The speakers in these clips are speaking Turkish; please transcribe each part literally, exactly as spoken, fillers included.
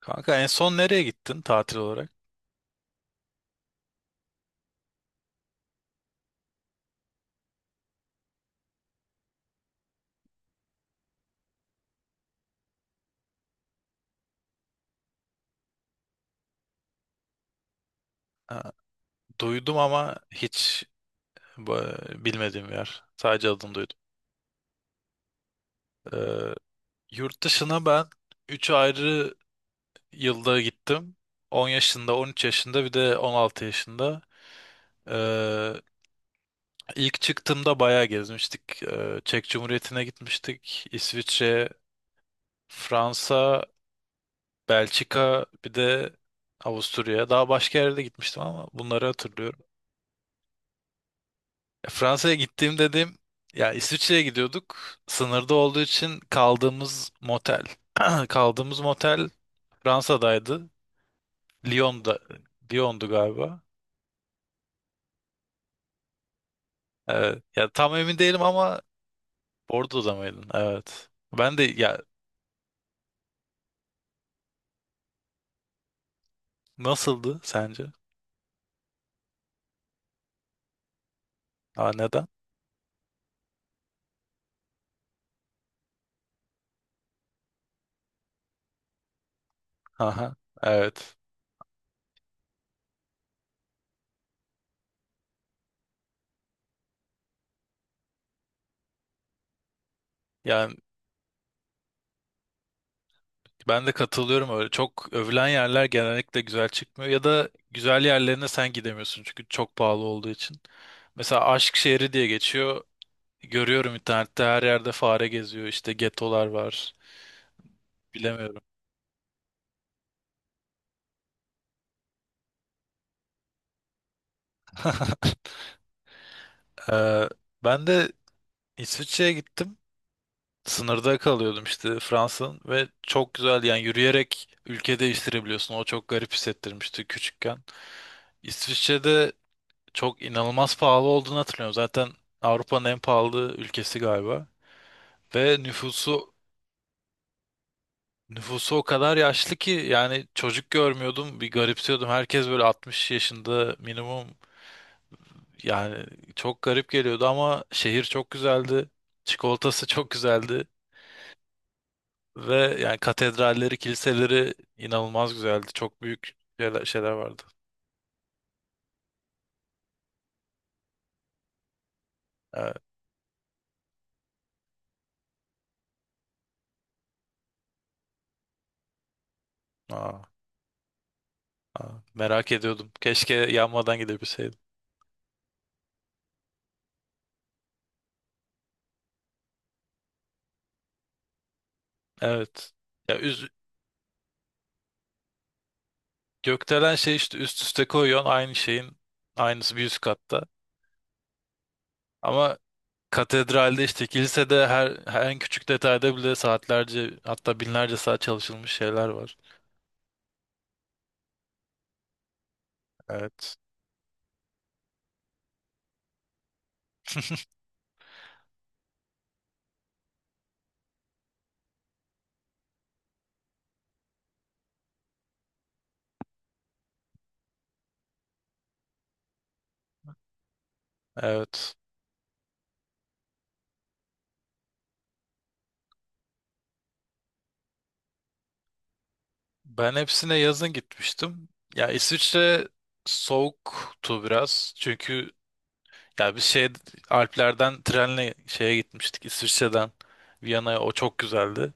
Kanka en son nereye gittin tatil olarak? Ha, duydum ama hiç bu- bilmediğim bir yer. Sadece adını duydum. Ee, Yurt dışına ben üç ayrı yılda gittim. on yaşında, on üç yaşında bir de on altı yaşında. Ee, ilk çıktığımda bayağı gezmiştik. Ee, Çek Cumhuriyeti'ne gitmiştik. İsviçre, Fransa, Belçika bir de Avusturya. Daha başka yerde gitmiştim ama bunları hatırlıyorum. Fransa'ya gittiğim dediğim ya, İsviçre'ye gidiyorduk. Sınırda olduğu için kaldığımız motel. Kaldığımız motel Fransa'daydı. Lyon'da, Lyon'du galiba. Evet. Ya tam emin değilim ama Bordeaux'da mıydın? Evet. Ben de ya, nasıldı sence? Aa, neden? Aha. Evet. Yani ben de katılıyorum öyle. Çok övülen yerler genellikle güzel çıkmıyor ya da güzel yerlerine sen gidemiyorsun çünkü çok pahalı olduğu için. Mesela Aşk Şehri diye geçiyor. Görüyorum, internette her yerde fare geziyor, işte getolar var, bilemiyorum. Ee, Ben de İsviçre'ye gittim, sınırda kalıyordum işte Fransa'nın, ve çok güzel, yani yürüyerek ülke değiştirebiliyorsun, o çok garip hissettirmişti küçükken. İsviçre'de çok inanılmaz pahalı olduğunu hatırlıyorum, zaten Avrupa'nın en pahalı ülkesi galiba, ve nüfusu, nüfusu o kadar yaşlı ki, yani çocuk görmüyordum, bir garipsiyordum. Herkes böyle altmış yaşında minimum. Yani çok garip geliyordu ama şehir çok güzeldi. Çikolatası çok güzeldi. Ve yani katedralleri, kiliseleri inanılmaz güzeldi. Çok büyük şeyler, şeyler vardı. Evet. Aa, aa, merak ediyordum. Keşke yanmadan gidebilseydim. Evet. Ya üz Gökdelen şey, işte üst üste koyuyorsun, aynı şeyin aynısı bir üst katta. Ama katedralde, işte kilisede, her, her en küçük detayda bile saatlerce, hatta binlerce saat çalışılmış şeyler var. Evet. Evet. Ben hepsine yazın gitmiştim. Ya İsviçre soğuktu biraz. Çünkü ya biz şey Alplerden trenle şeye gitmiştik, İsviçre'den Viyana'ya. O çok güzeldi.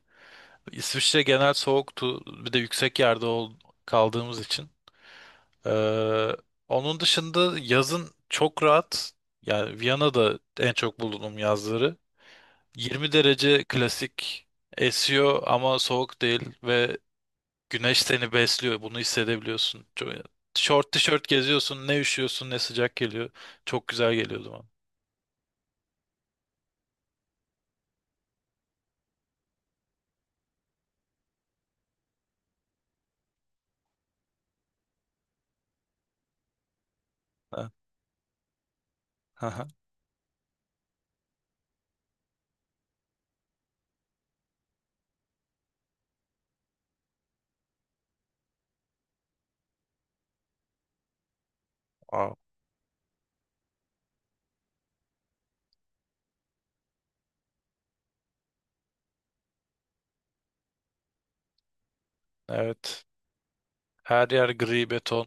İsviçre genel soğuktu. Bir de yüksek yerde ol- kaldığımız için. Ee, Onun dışında yazın çok rahat. Yani Viyana'da en çok bulunduğum yazları. yirmi derece, klasik esiyor ama soğuk değil, ve güneş seni besliyor. Bunu hissedebiliyorsun. Çok, short tişört geziyorsun. Ne üşüyorsun ne sıcak geliyor. Çok güzel geliyor o zaman. Ha, aha. Wow. Evet. Her yer gri beton.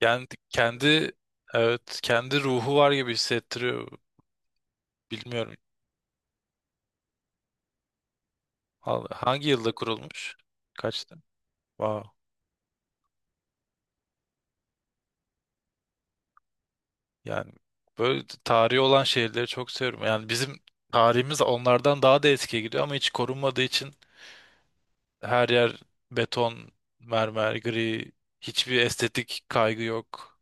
Yani kendi, evet, kendi ruhu var gibi hissettiriyor. Bilmiyorum. Al- Hangi yılda kurulmuş? Kaçtı? Wow. Yani böyle tarihi olan şehirleri çok seviyorum. Yani bizim tarihimiz onlardan daha da eskiye gidiyor ama hiç korunmadığı için. Her yer beton, mermer, gri. Hiçbir estetik kaygı yok.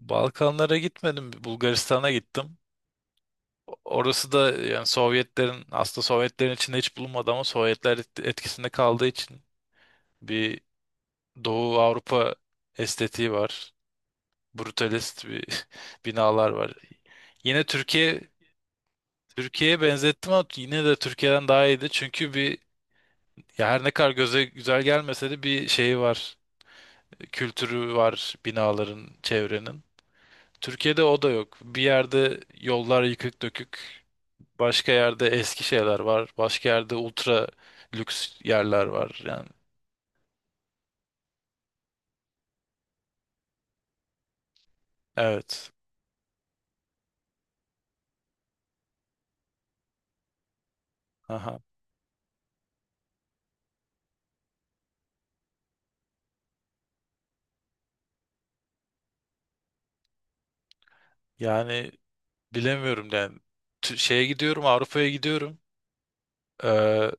Balkanlara gitmedim. Bulgaristan'a gittim. Orası da yani Sovyetlerin, aslında Sovyetlerin içinde hiç bulunmadı ama Sovyetler et- etkisinde kaldığı için bir Doğu Avrupa estetiği var. Brutalist bir binalar var. Yine Türkiye, Türkiye'ye benzettim ama yine de Türkiye'den daha iyiydi. Çünkü bir, ya her ne kadar göze güzel gelmese de bir şeyi var, kültürü var binaların, çevrenin. Türkiye'de o da yok. Bir yerde yollar yıkık dökük, başka yerde eski şeyler var, başka yerde ultra lüks yerler var. Yani evet. Aha. Yani bilemiyorum yani. Tü- Şeye gidiyorum, Avrupa'ya gidiyorum. Ee,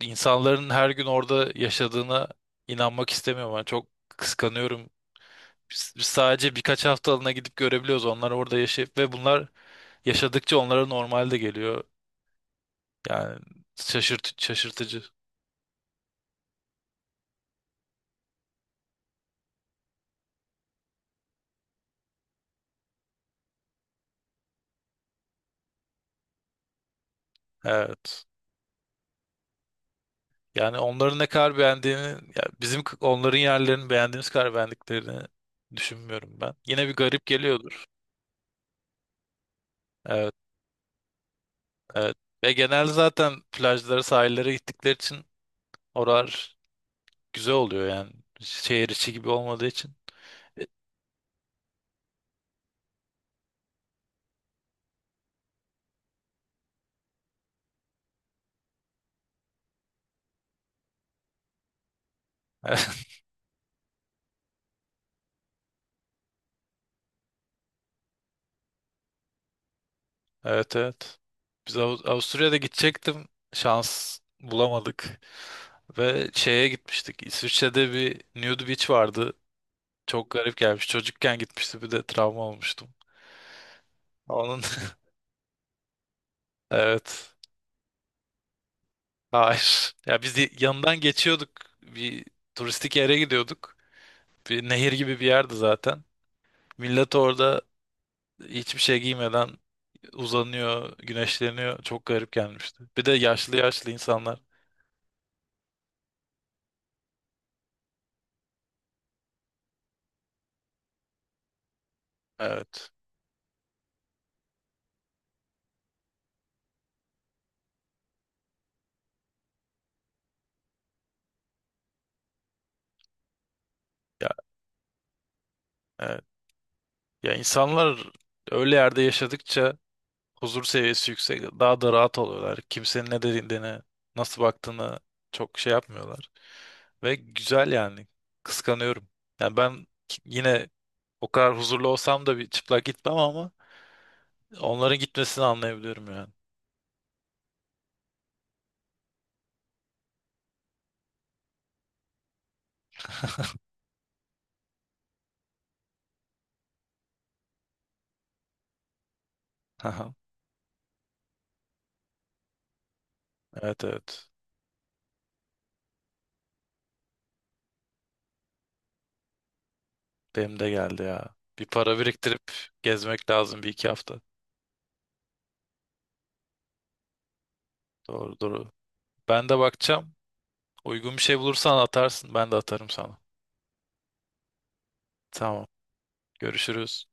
insanların her gün orada yaşadığına inanmak istemiyorum. Yani çok kıskanıyorum. Biz- biz sadece birkaç haftalığına gidip görebiliyoruz. Onlar orada yaşayıp, ve bunlar yaşadıkça onlara normal de geliyor. Yani şaşırt şaşırtıcı. Evet. Yani onların ne kadar beğendiğini, ya bizim k- onların yerlerini beğendiğimiz kadar beğendiklerini düşünmüyorum ben. Yine bir garip geliyordur. Evet, evet. Ve genelde zaten plajlara, sahillere gittikleri için oralar güzel oluyor yani. Şehir içi gibi olmadığı için. Evet, evet. Biz Av- Avusturya'da gidecektim. Şans bulamadık. Ve şeye gitmiştik, İsviçre'de bir nude beach vardı. Çok garip gelmiş. Çocukken gitmişti, bir de travma olmuştum. Onun evet. Hayır. Ya biz y- yanından geçiyorduk. Bir turistik yere gidiyorduk. Bir nehir gibi bir yerdi zaten. Millet orada hiçbir şey giymeden uzanıyor, güneşleniyor. Çok garip gelmişti. Bir de yaşlı yaşlı insanlar. Evet. Ya, evet. Ya insanlar öyle yerde yaşadıkça huzur seviyesi yüksek. Daha da rahat oluyorlar. Kimsenin ne dediğini, nasıl baktığını çok şey yapmıyorlar. Ve güzel yani. Kıskanıyorum. Yani ben ki- yine o kadar huzurlu olsam da bir çıplak gitmem ama onların gitmesini anlayabiliyorum yani. Haha. Evet, evet. Benim de geldi ya. Bir para biriktirip gezmek lazım bir iki hafta. Doğru, doğru. Ben de bakacağım. Uygun bir şey bulursan atarsın. Ben de atarım sana. Tamam. Görüşürüz.